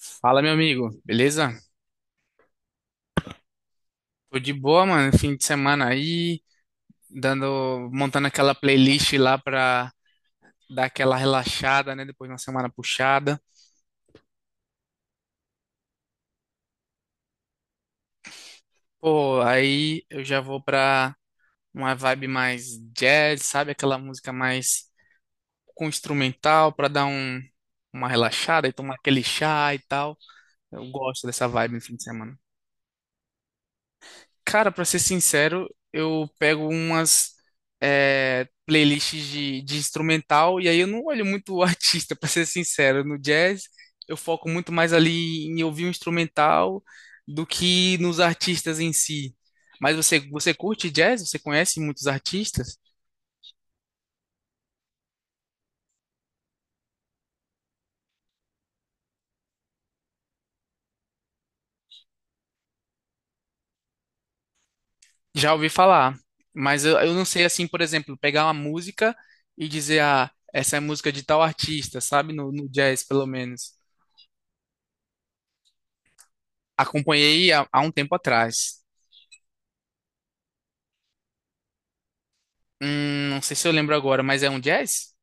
Fala, meu amigo, beleza? Tô de boa, mano. Fim de semana aí, dando, montando aquela playlist lá pra dar aquela relaxada, né? Depois de uma semana puxada. Pô, aí eu já vou pra uma vibe mais jazz, sabe? Aquela música mais com instrumental pra dar um, uma relaxada e tomar aquele chá e tal. Eu gosto dessa vibe no fim de semana. Cara, pra ser sincero, eu pego umas playlists de instrumental e aí eu não olho muito o artista, pra ser sincero. No jazz, eu foco muito mais ali em ouvir o instrumental do que nos artistas em si. Mas você curte jazz? Você conhece muitos artistas? Já ouvi falar, mas eu não sei, assim, por exemplo, pegar uma música e dizer, ah, essa é música de tal artista, sabe? No jazz, pelo menos. Acompanhei há um tempo atrás. Não sei se eu lembro agora, mas é um jazz?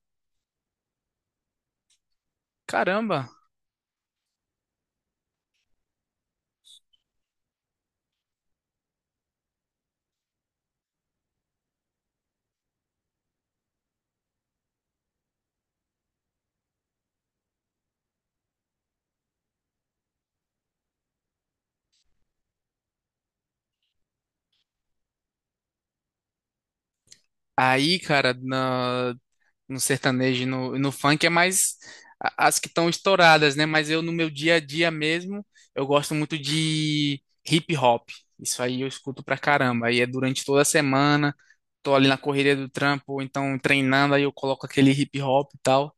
Caramba! Aí, cara, no sertanejo e no funk é mais as que estão estouradas, né? Mas eu, no meu dia a dia mesmo, eu gosto muito de hip hop. Isso aí eu escuto pra caramba. Aí é durante toda a semana, tô ali na correria do trampo, ou então treinando, aí eu coloco aquele hip hop e tal.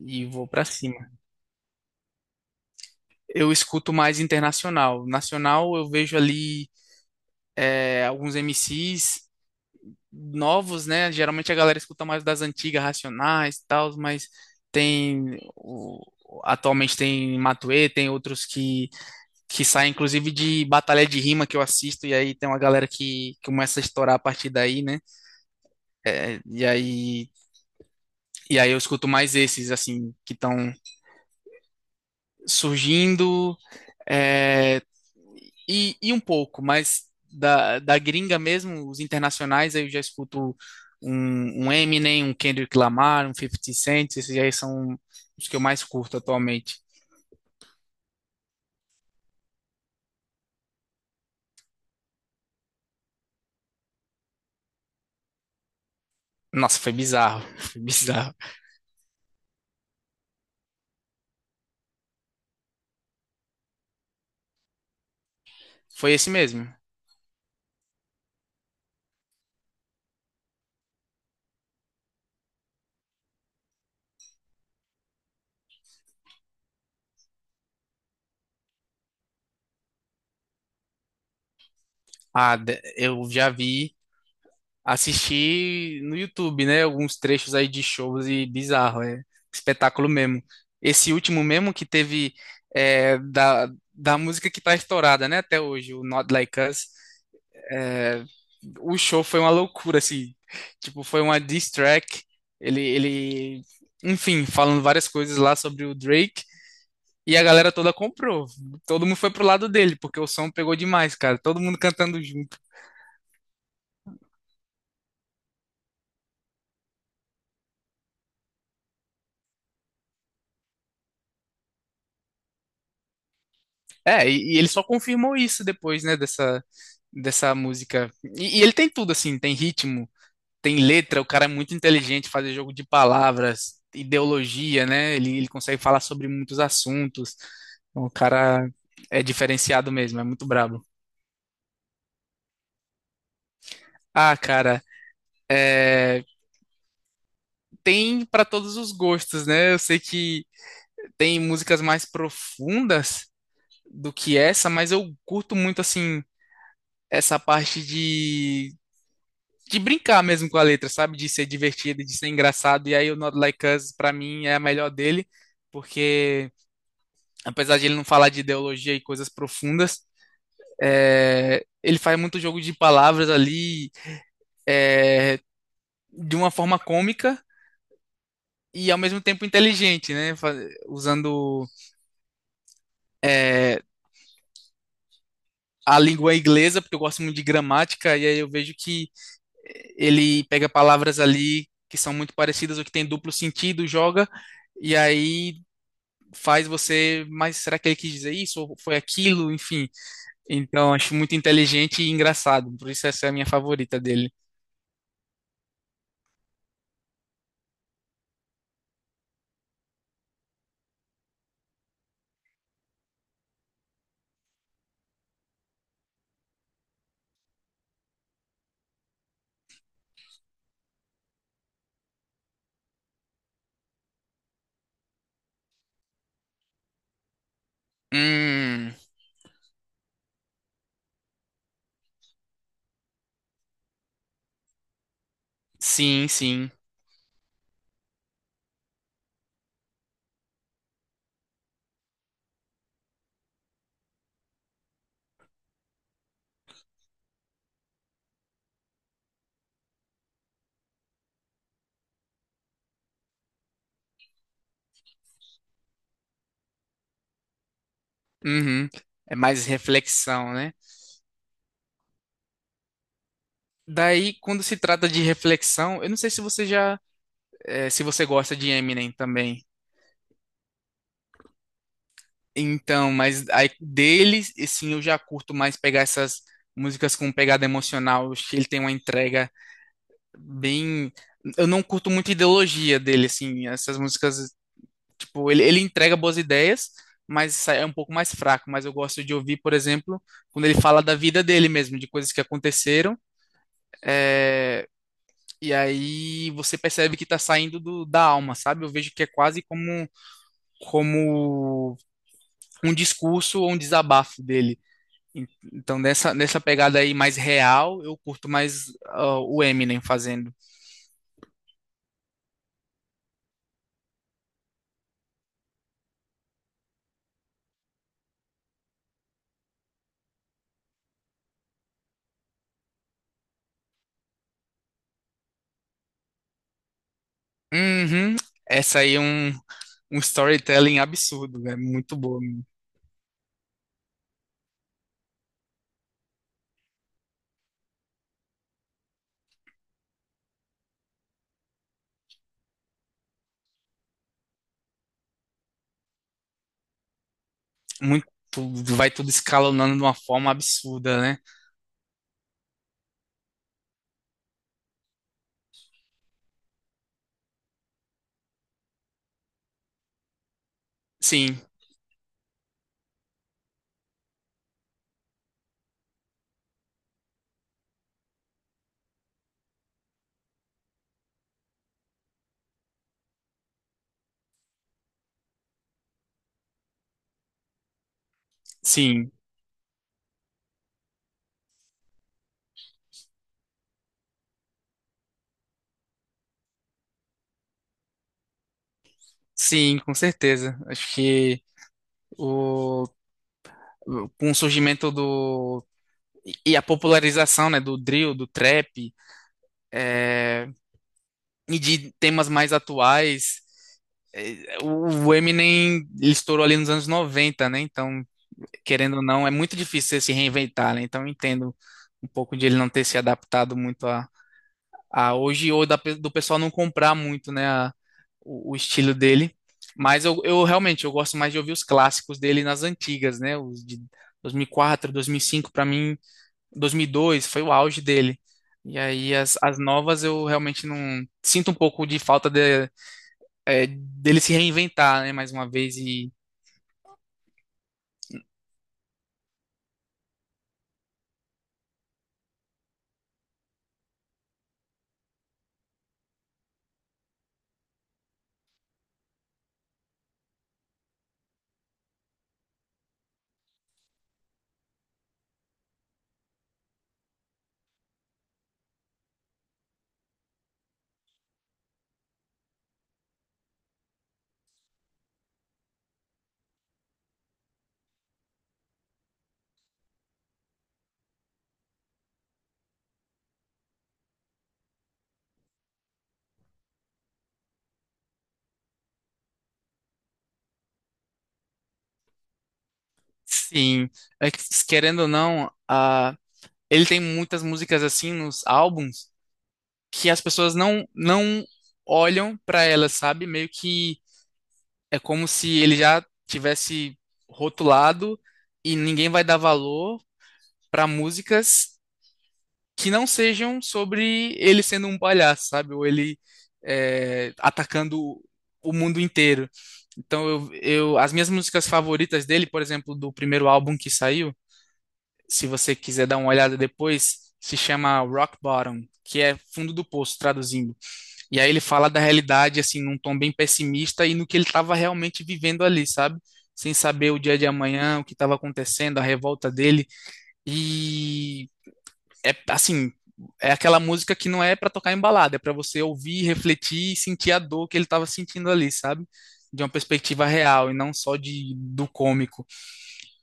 E vou pra cima. Eu escuto mais internacional. Nacional eu vejo ali alguns MCs novos, né? Geralmente a galera escuta mais das antigas, Racionais e tal, mas tem o- atualmente tem Matuê, tem outros que saem inclusive de batalha de rima que eu assisto e aí tem uma galera que começa a estourar a partir daí, né? É, e aí e aí eu escuto mais esses assim que estão surgindo. É, e um pouco, mas da gringa mesmo, os internacionais, aí eu já escuto um Eminem, um Kendrick Lamar, um Fifty Cent, esses aí são os que eu mais curto atualmente. Nossa, foi bizarro, foi bizarro. Foi esse mesmo. Eu já vi, assistir no YouTube, né? Alguns trechos aí de shows e bizarro, é espetáculo mesmo. Esse último mesmo que teve é, da, da música que tá estourada, né? Até hoje, o Not Like Us. é, o show foi uma loucura, assim. Tipo, foi uma diss track. Ele, ele, Enfim, falando várias coisas lá sobre o Drake. E a galera toda comprou. Todo mundo foi pro lado dele, porque o som pegou demais, cara. Todo mundo cantando junto. Ele só confirmou isso depois, né, dessa música. E ele tem tudo, assim, tem ritmo, tem letra, o cara é muito inteligente, fazer jogo de palavras, ideologia, né? Ele consegue falar sobre muitos assuntos. Então, o cara é diferenciado mesmo, é muito brabo. Ah, cara, é, tem pra todos os gostos, né? Eu sei que tem músicas mais profundas do que essa, mas eu curto muito, assim, essa parte de brincar mesmo com a letra, sabe? De ser divertido, de ser engraçado. E aí o Not Like Us, pra mim, é a melhor dele, porque apesar de ele não falar de ideologia e coisas profundas, ele faz muito jogo de palavras ali de uma forma cômica e ao mesmo tempo inteligente, né? Usando é, a língua inglesa, porque eu gosto muito de gramática, e aí eu vejo que ele pega palavras ali que são muito parecidas ou que tem duplo sentido, joga, e aí faz você, mas será que ele quis dizer isso ou foi aquilo? Enfim, então acho muito inteligente e engraçado, por isso essa é a minha favorita dele. Hum, sim, sim. Uhum. É mais reflexão, né? Daí, quando se trata de reflexão, eu não sei se você já, se você gosta de Eminem também. Então, mas aí deles e sim, eu já curto mais pegar essas músicas com pegada emocional. Eu acho que ele tem uma entrega bem. Eu não curto muito a ideologia dele, assim. Essas músicas. Tipo, ele entrega boas ideias, mas é um pouco mais fraco. Mas eu gosto de ouvir, por exemplo, quando ele fala da vida dele mesmo, de coisas que aconteceram. é, E aí você percebe que está saindo da alma, sabe? Eu vejo que é quase como, como um discurso ou um desabafo dele. Então, nessa pegada aí mais real, eu curto mais ah, o Eminem fazendo. Uhum. Essa aí é um storytelling absurdo, é muito boa, muito vai tudo escalonando de uma forma absurda, né? Sim, sim, sim, com certeza. Acho que o com o surgimento do e a popularização, né, do drill, do trap e de temas mais atuais, o Eminem ele estourou ali nos anos 90, né? Então, querendo ou não, é muito difícil você se reinventar, né? Então, eu entendo um pouco de ele não ter se adaptado muito a hoje ou do pessoal não comprar muito, né, o estilo dele. Mas eu realmente eu gosto mais de ouvir os clássicos dele nas antigas, né, os de 2004, 2005 para mim, 2002 foi o auge dele. E aí as novas eu realmente não sinto um pouco de falta de, dele se reinventar, né, mais uma vez e sim, é que, querendo ou não, a ele tem muitas músicas assim nos álbuns que as pessoas não olham para elas, sabe? Meio que é como se ele já tivesse rotulado e ninguém vai dar valor para músicas que não sejam sobre ele sendo um palhaço, sabe? Ou ele atacando o mundo inteiro. Então, as minhas músicas favoritas dele, por exemplo, do primeiro álbum que saiu, se você quiser dar uma olhada depois, se chama Rock Bottom, que é fundo do poço, traduzindo. E aí ele fala da realidade, assim, num tom bem pessimista e no que ele estava realmente vivendo ali, sabe? Sem saber o dia de amanhã, o que estava acontecendo, a revolta dele. E é assim, é aquela música que não é para tocar em balada, é para você ouvir, refletir e sentir a dor que ele estava sentindo ali, sabe? De uma perspectiva real e não só de do cômico.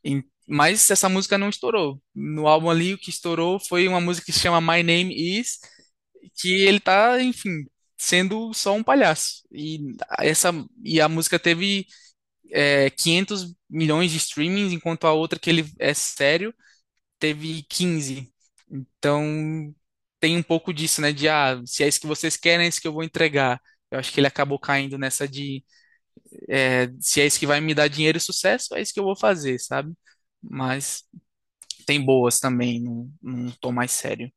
Mas essa música não estourou. No álbum ali, o que estourou foi uma música que se chama My Name Is, que ele tá, enfim, sendo só um palhaço. Essa e a música teve 500 milhões de streamings, enquanto a outra que ele é sério teve 15. Então tem um pouco disso, né? De ah, se é isso que vocês querem, é isso que eu vou entregar. Eu acho que ele acabou caindo nessa de se é isso que vai me dar dinheiro e sucesso, é isso que eu vou fazer, sabe? Mas tem boas também, não, não tô mais sério.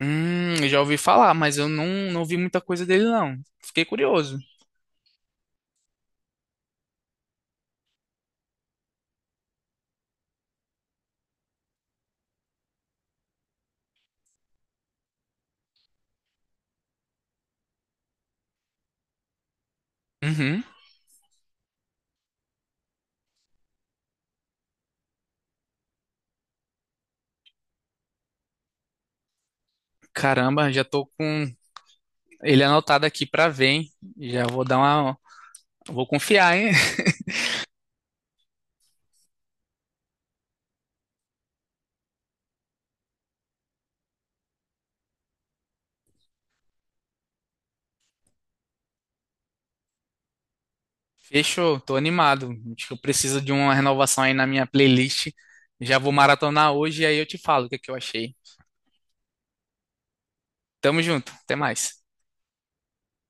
Eu já ouvi falar, mas eu não, não vi muita coisa dele, não. Fiquei curioso. Uhum. Caramba, já tô com ele anotado aqui pra ver, hein? Já vou dar uma. Vou confiar, hein? Fechou, tô animado. Acho que eu preciso de uma renovação aí na minha playlist. Já vou maratonar hoje e aí eu te falo o que é que eu achei. Tamo junto, até mais.